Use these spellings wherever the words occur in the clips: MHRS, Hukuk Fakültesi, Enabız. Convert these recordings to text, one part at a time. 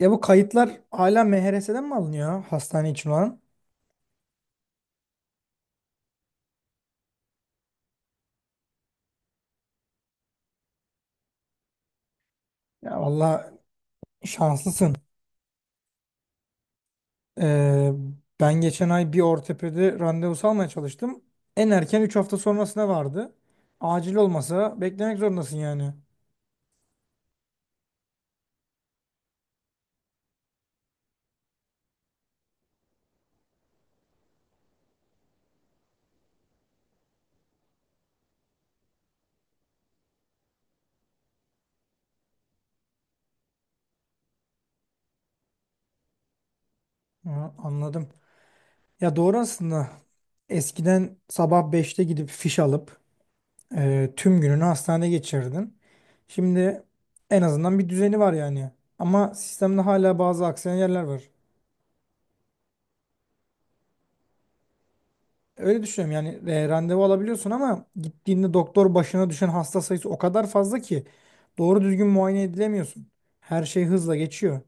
Ya bu kayıtlar hala MHRS'den mi alınıyor ya, hastane için olan? Ya valla şanslısın. Ee, Ben geçen ay bir ortopedi randevusu almaya çalıştım. En erken 3 hafta sonrasına vardı. Acil olmasa beklemek zorundasın yani. Ha, anladım. Ya doğru aslında. Eskiden sabah 5'te gidip fiş alıp tüm gününü hastanede geçirirdin. Şimdi en azından bir düzeni var yani. Ama sistemde hala bazı aksayan yerler var. Öyle düşünüyorum yani randevu alabiliyorsun ama gittiğinde doktor başına düşen hasta sayısı o kadar fazla ki doğru düzgün muayene edilemiyorsun. Her şey hızla geçiyor.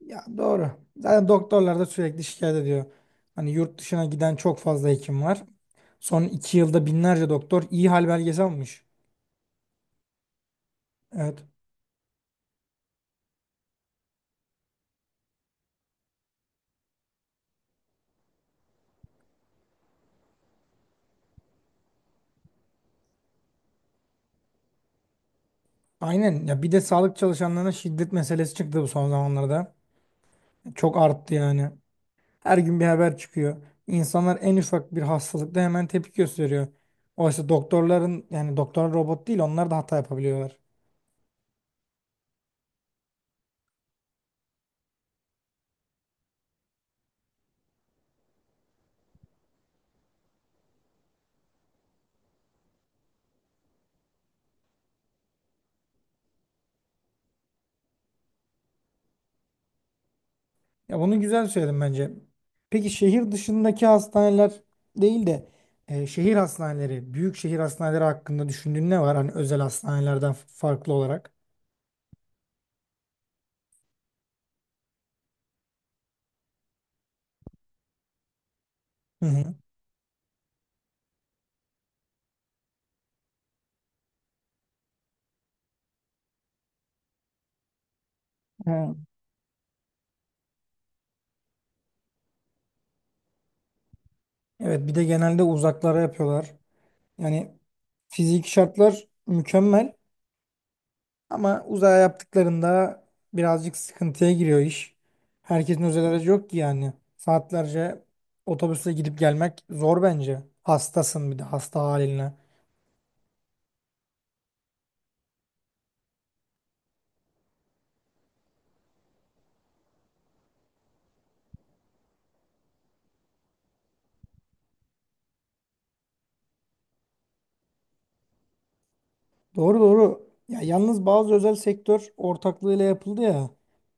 Ya doğru. Zaten doktorlar da sürekli şikayet ediyor. Hani yurt dışına giden çok fazla hekim var. Son 2 yılda binlerce doktor iyi hal belgesi almış. Evet. Aynen. Ya bir de sağlık çalışanlarına şiddet meselesi çıktı bu son zamanlarda. Çok arttı yani. Her gün bir haber çıkıyor. İnsanlar en ufak bir hastalıkta hemen tepki gösteriyor. Oysa doktorların yani doktorlar robot değil, onlar da hata yapabiliyorlar. Ya bunu güzel söyledim bence. Peki şehir dışındaki hastaneler değil de şehir hastaneleri, büyük şehir hastaneleri hakkında düşündüğün ne var? Hani özel hastanelerden farklı olarak. Hı hı. Ha. Evet, bir de genelde uzaklara yapıyorlar. Yani fiziki şartlar mükemmel. Ama uzaya yaptıklarında birazcık sıkıntıya giriyor iş. Herkesin özel aracı yok ki yani. Saatlerce otobüsle gidip gelmek zor bence. Hastasın bir de hasta haline. Doğru, doğru. Ya yalnız bazı özel sektör ortaklığıyla yapıldı ya.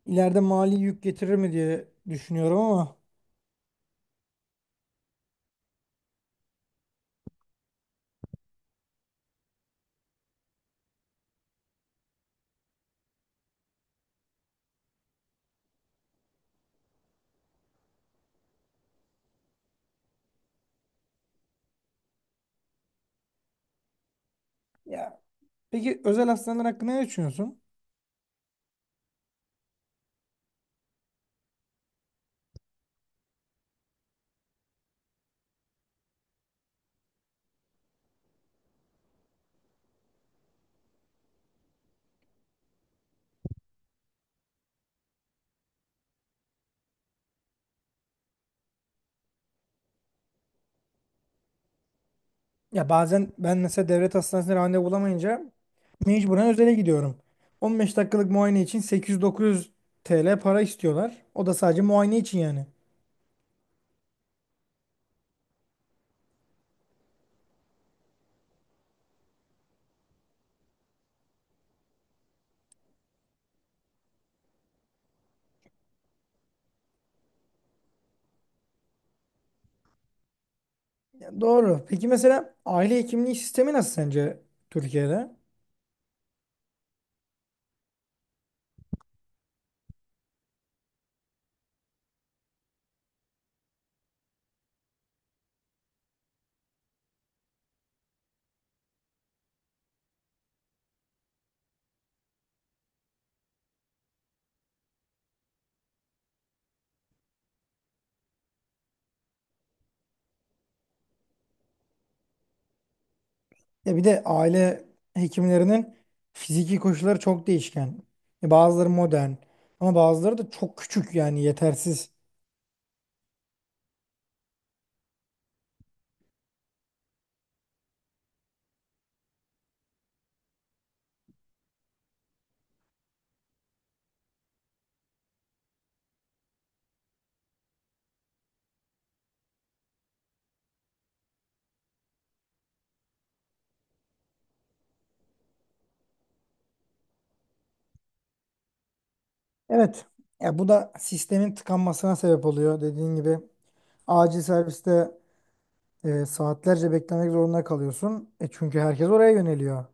İleride mali yük getirir mi diye düşünüyorum ama. Ya peki özel hastaneler hakkında ne düşünüyorsun? Ya bazen ben mesela devlet hastanesine randevu bulamayınca mecburen özele gidiyorum. 15 dakikalık muayene için 800-900 TL para istiyorlar. O da sadece muayene için yani. Ya doğru. Peki mesela aile hekimliği sistemi nasıl sence Türkiye'de? Ya bir de aile hekimlerinin fiziki koşulları çok değişken. Ya bazıları modern ama bazıları da çok küçük yani yetersiz. Evet. Ya bu da sistemin tıkanmasına sebep oluyor. Dediğin gibi acil serviste saatlerce beklemek zorunda kalıyorsun. Çünkü herkes oraya yöneliyor.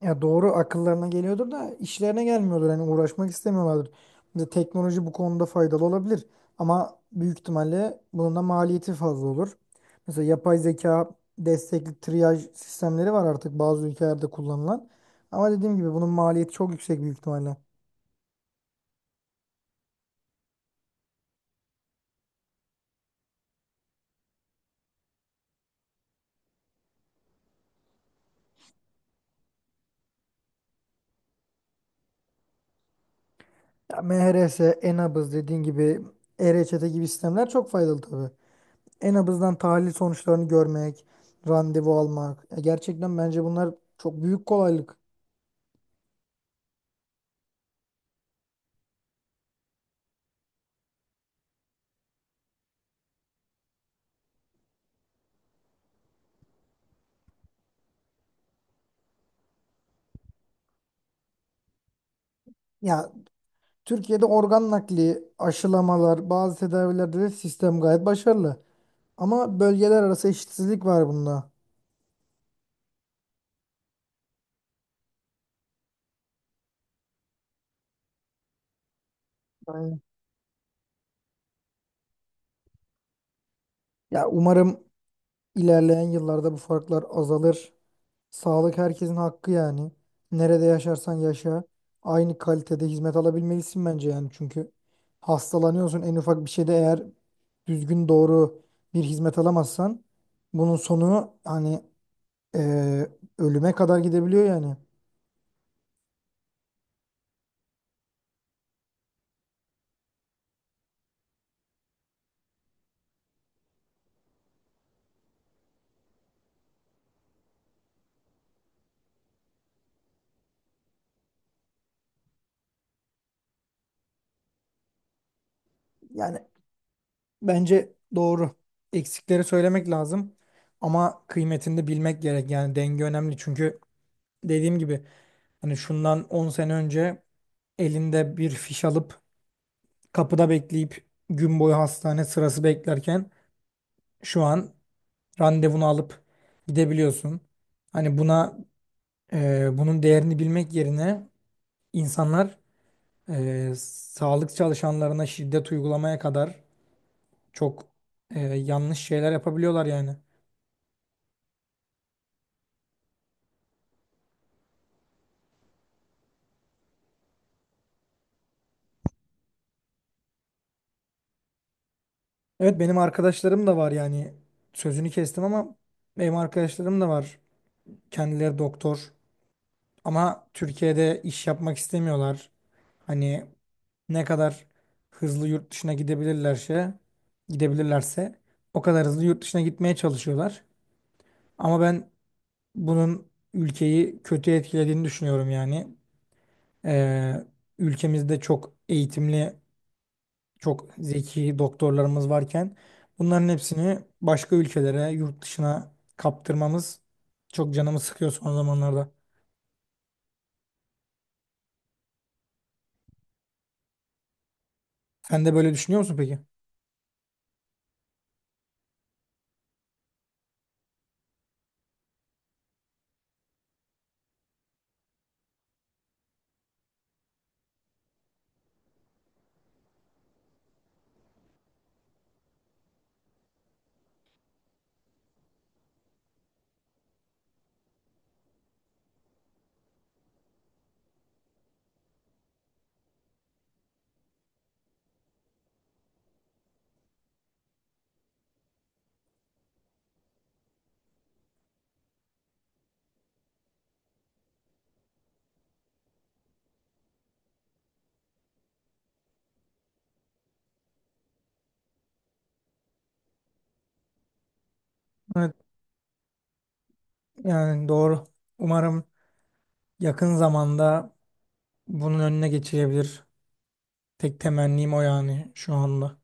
Ya doğru, akıllarına geliyordur da işlerine gelmiyordur. Hani uğraşmak istemiyorlardır. Şimdi teknoloji bu konuda faydalı olabilir. Ama büyük ihtimalle bunun da maliyeti fazla olur. Mesela yapay zeka destekli triyaj sistemleri var artık, bazı ülkelerde kullanılan. Ama dediğim gibi bunun maliyeti çok yüksek büyük ihtimalle. Ya MHRS, Enabız dediğin gibi e-reçete gibi sistemler çok faydalı tabii. Enabız'dan tahlil sonuçlarını görmek, randevu almak. Ya gerçekten bence bunlar çok büyük kolaylık. Ya Türkiye'de organ nakli, aşılamalar, bazı tedavilerde de sistem gayet başarılı. Ama bölgeler arası eşitsizlik var bunda. Aynen. Ya umarım ilerleyen yıllarda bu farklar azalır. Sağlık herkesin hakkı yani. Nerede yaşarsan yaşa, aynı kalitede hizmet alabilmelisin bence yani. Çünkü hastalanıyorsun en ufak bir şeyde, eğer düzgün doğru bir hizmet alamazsan bunun sonu hani eee, ölüme kadar gidebiliyor yani. Yani bence doğru. Eksikleri söylemek lazım ama kıymetini de bilmek gerek. Yani denge önemli, çünkü dediğim gibi hani şundan 10 sene önce elinde bir fiş alıp kapıda bekleyip gün boyu hastane sırası beklerken şu an randevunu alıp gidebiliyorsun. Hani buna bunun değerini bilmek yerine insanlar e, sağlık çalışanlarına şiddet uygulamaya kadar çok yanlış şeyler yapabiliyorlar yani. Evet, benim arkadaşlarım da var yani, sözünü kestim ama benim arkadaşlarım da var. Kendileri doktor ama Türkiye'de iş yapmak istemiyorlar. Hani ne kadar hızlı yurt dışına gidebilirlerse gidebilirlerse o kadar hızlı yurt dışına gitmeye çalışıyorlar. Ama ben bunun ülkeyi kötü etkilediğini düşünüyorum yani. Ee, Ülkemizde çok eğitimli çok zeki doktorlarımız varken bunların hepsini başka ülkelere, yurt dışına kaptırmamız çok canımı sıkıyor son zamanlarda. Sen de böyle düşünüyor musun peki? Evet, yani doğru. Umarım yakın zamanda bunun önüne geçilebilir. Tek temennim o yani şu anda.